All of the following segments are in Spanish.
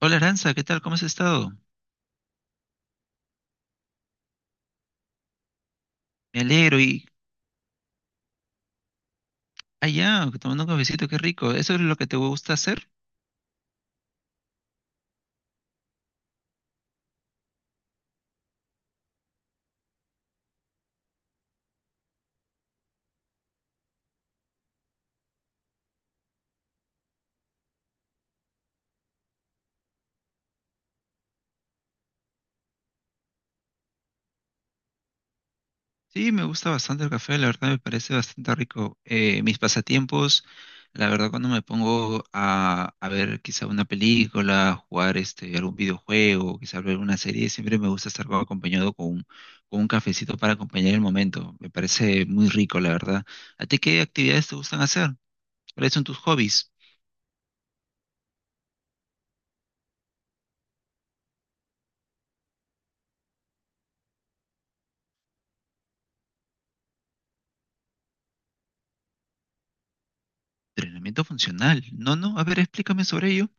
Hola Aranza, ¿qué tal? ¿Cómo has estado? Me alegro y allá, tomando un cafecito, qué rico. ¿Eso es lo que te gusta hacer? Sí, me gusta bastante el café, la verdad me parece bastante rico. Mis pasatiempos, la verdad cuando me pongo a ver quizá una película, jugar este, algún videojuego, quizá ver una serie, siempre me gusta estar acompañado con un cafecito para acompañar el momento. Me parece muy rico, la verdad. ¿A ti qué actividades te gustan hacer? ¿Cuáles son tus hobbies? Entrenamiento funcional. No, no, a ver, explícame sobre ello.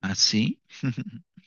¿Ah, sí?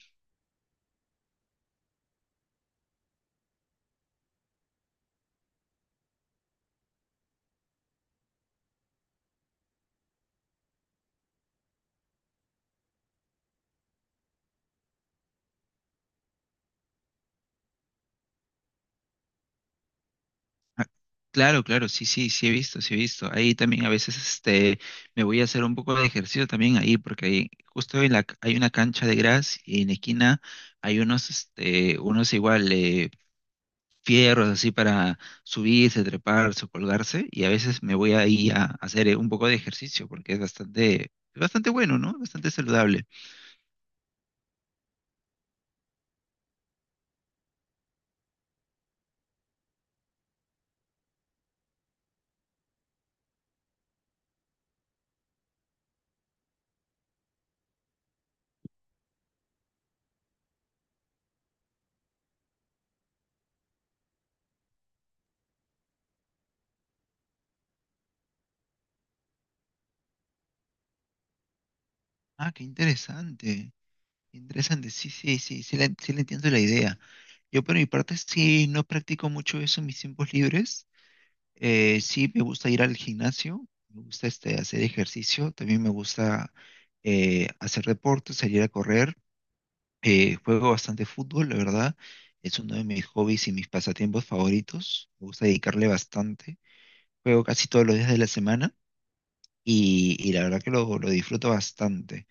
Ah, claro, claro, sí, sí, sí he visto, sí he visto. Ahí también a veces me voy a hacer un poco de ejercicio también ahí, porque ahí, justo hay una cancha de gras y en la esquina hay unos, este, unos igual fierros así para subirse, treparse o colgarse, y a veces me voy ahí a hacer un poco de ejercicio, porque es bastante, bastante bueno, ¿no? Bastante saludable. Ah, qué interesante. Interesante, sí, sí, sí, sí le entiendo la idea. Yo por mi parte sí no practico mucho eso en mis tiempos libres. Sí me gusta ir al gimnasio, me gusta este, hacer ejercicio, también me gusta hacer deporte, salir a correr. Juego bastante fútbol, la verdad. Es uno de mis hobbies y mis pasatiempos favoritos. Me gusta dedicarle bastante. Juego casi todos los días de la semana y la verdad que lo disfruto bastante.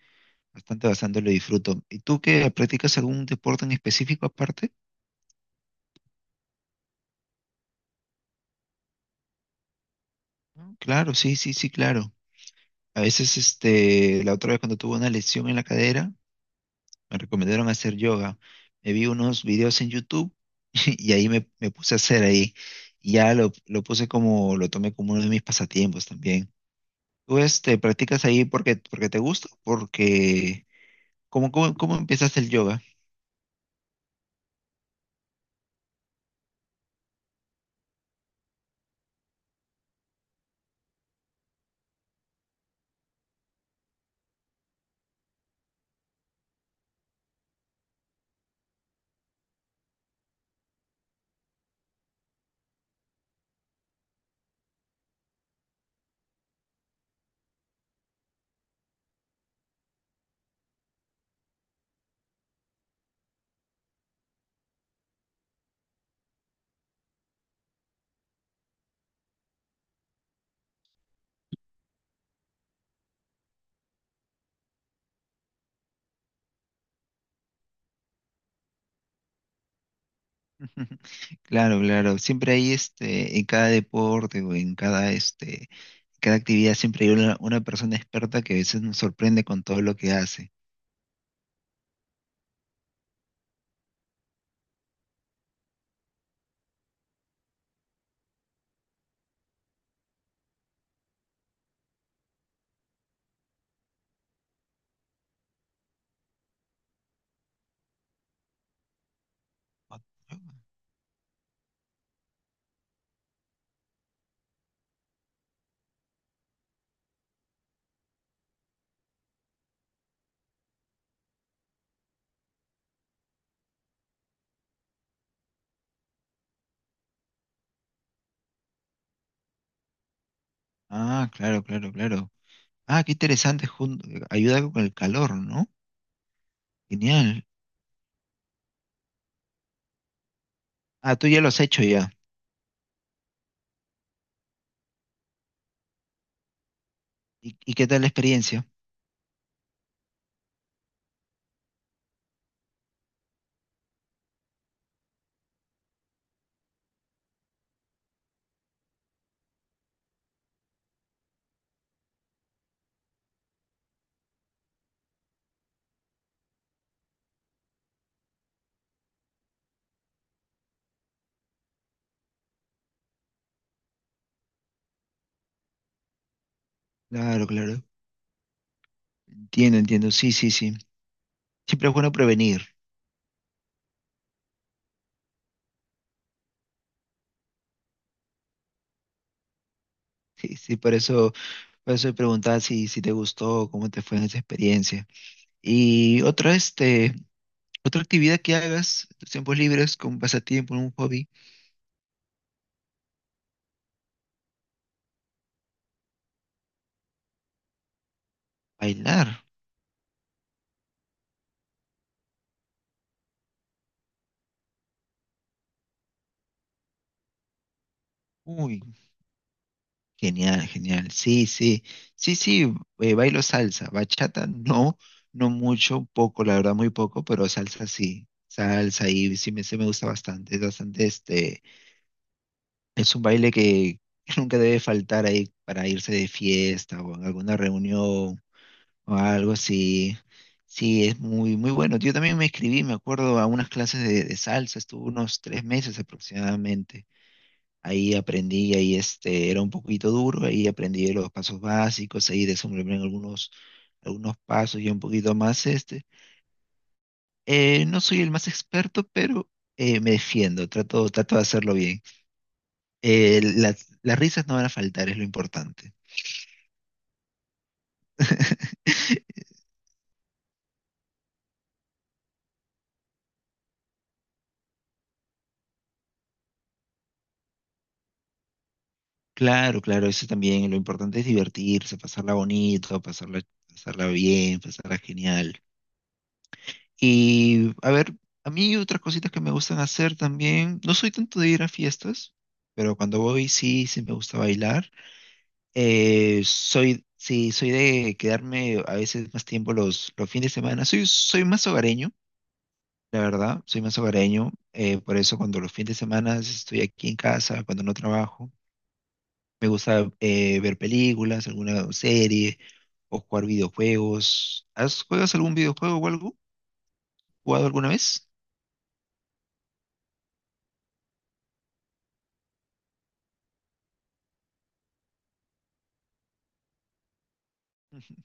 Bastante, bastante lo disfruto. ¿Y tú qué practicas algún deporte en específico aparte? Mm, claro, sí, sí, sí, claro. A veces, este, la otra vez cuando tuve una lesión en la cadera, me recomendaron hacer yoga. Me vi unos videos en YouTube y ahí me puse a hacer ahí. Y ya lo puse como, lo tomé como uno de mis pasatiempos también. ¿Tú, este, practicas ahí porque, porque te gusta? Porque, ¿cómo, cómo, cómo empezaste el yoga? Claro, claro. Siempre hay este, en cada deporte o en cada este, cada actividad siempre hay una persona experta que a veces nos sorprende con todo lo que hace. Ah, claro, claro, claro. Ah, qué interesante. Ayuda con el calor, ¿no? Genial. Ah, tú ya lo has hecho ya. Y qué tal la experiencia? Claro, claro. Entiendo, entiendo. Sí, sí, sí. Siempre es bueno prevenir. Sí, sí, por eso te preguntaba si, si te gustó, cómo te fue en esa experiencia. Y otra, este. Otra actividad que hagas, en tus tiempos libres, con pasatiempo, un hobby, bailar. Uy, genial, genial. Sí, sí, sí, sí, bailo salsa. Bachata, no, no mucho, poco, la verdad, muy poco, pero salsa sí. Salsa y sí sí me gusta bastante, es bastante este, es un baile que nunca debe faltar ahí para irse de fiesta o en alguna reunión o algo así. Sí, es muy, muy bueno. Yo también me inscribí, me acuerdo, a unas clases de salsa, estuve unos 3 meses aproximadamente. Ahí aprendí, ahí este, era un poquito duro, ahí aprendí los pasos básicos, ahí desenvolví en algunos, algunos pasos y un poquito más este. No soy el más experto, pero me defiendo, trato, trato de hacerlo bien. Las risas no van a faltar, es lo importante. Claro, claro, eso también. Lo importante es divertirse, pasarla bonito, pasarla, pasarla bien, pasarla genial. Y a ver, a mí otras cositas que me gustan hacer también. No soy tanto de ir a fiestas, pero cuando voy sí, sí me gusta bailar. Sí, soy de quedarme a veces más tiempo los fines de semana. Soy más hogareño, la verdad, soy más hogareño. Por eso cuando los fines de semana estoy aquí en casa, cuando no trabajo. Me gusta ver películas, alguna serie o jugar videojuegos. ¿Has, juegas algún videojuego o algo? ¿Jugado alguna vez? Ujú.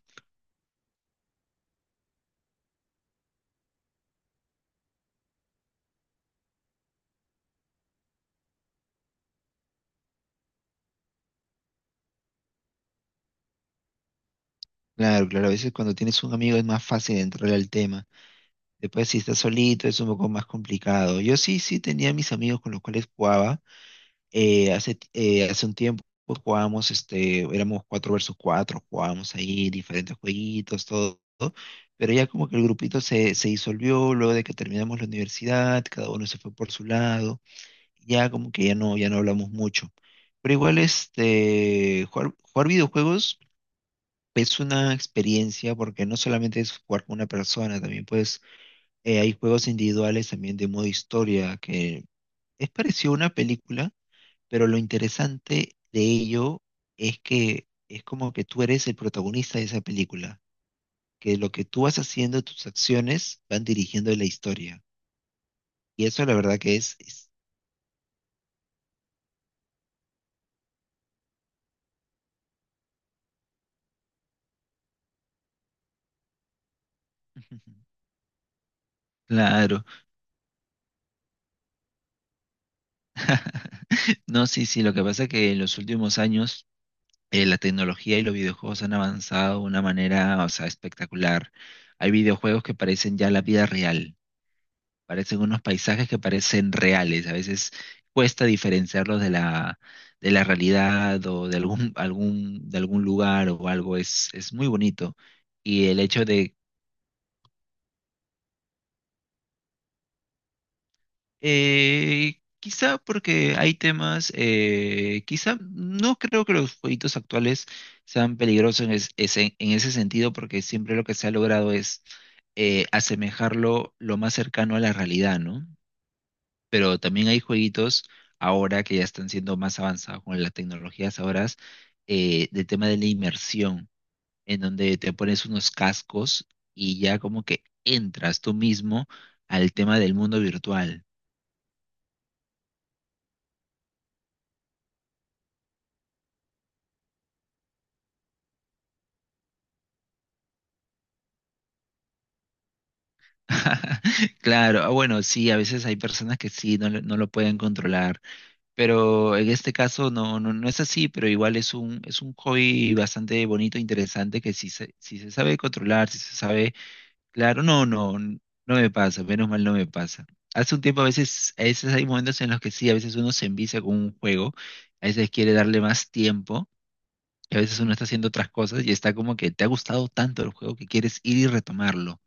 Claro, claro, a veces cuando tienes un amigo es más fácil entrar al tema. Después si estás solito es un poco más complicado. Yo sí, sí tenía mis amigos con los cuales jugaba. Hace un tiempo pues, jugábamos, este, éramos 4 versus 4. Jugábamos ahí diferentes jueguitos, todo. Pero ya como que el grupito se disolvió luego de que terminamos la universidad, cada uno se fue por su lado. Ya como que ya no, ya no hablamos mucho. Pero igual este, jugar, jugar videojuegos es una experiencia porque no solamente es jugar con una persona, también pues hay juegos individuales también de modo historia que es parecido a una película, pero lo interesante de ello es que es como que tú eres el protagonista de esa película, que lo que tú vas haciendo, tus acciones van dirigiendo la historia. Y eso la verdad que es- Claro. No, sí, sí, lo que pasa es que en los últimos años la tecnología y los videojuegos han avanzado de una manera, o sea, espectacular. Hay videojuegos que parecen ya la vida real, parecen unos paisajes que parecen reales. A veces cuesta diferenciarlos de la realidad o de algún, algún, de algún lugar o algo. Es muy bonito. Y el hecho de quizá porque hay temas, quizá no creo que los jueguitos actuales sean peligrosos ese, en ese sentido, porque siempre lo que se ha logrado es asemejarlo lo más cercano a la realidad, ¿no? Pero también hay jueguitos ahora que ya están siendo más avanzados con las tecnologías ahora, del tema de la inmersión, en donde te pones unos cascos y ya como que entras tú mismo al tema del mundo virtual. Claro, ah, bueno, sí, a veces hay personas que sí, no, no lo pueden controlar, pero en este caso no, no, no es así, pero igual es un hobby bastante bonito, interesante, que si se, si se sabe controlar, si se sabe, claro, no, no, no me pasa, menos mal no me pasa. Hace un tiempo a veces hay momentos en los que sí, a veces uno se envicia con un juego, a veces quiere darle más tiempo, y a veces uno está haciendo otras cosas y está como que te ha gustado tanto el juego que quieres ir y retomarlo,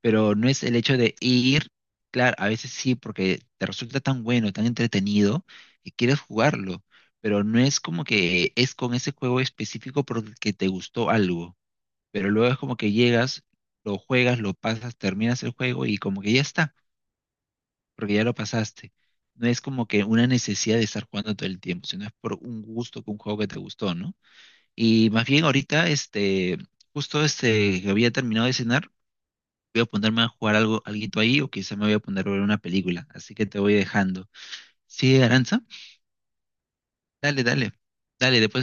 pero no es el hecho de ir, claro, a veces sí, porque te resulta tan bueno, tan entretenido, que quieres jugarlo, pero no es como que es con ese juego específico porque te gustó algo, pero luego es como que llegas, lo juegas, lo pasas, terminas el juego y como que ya está, porque ya lo pasaste. No es como que una necesidad de estar jugando todo el tiempo, sino es por un gusto, con un juego que te gustó, ¿no? Y más bien ahorita, este, justo este, que había terminado de cenar, voy a ponerme a jugar algo, alguito ahí o quizá me voy a poner a ver una película. Así que te voy dejando. Sí, Aranza, dale, dale, dale,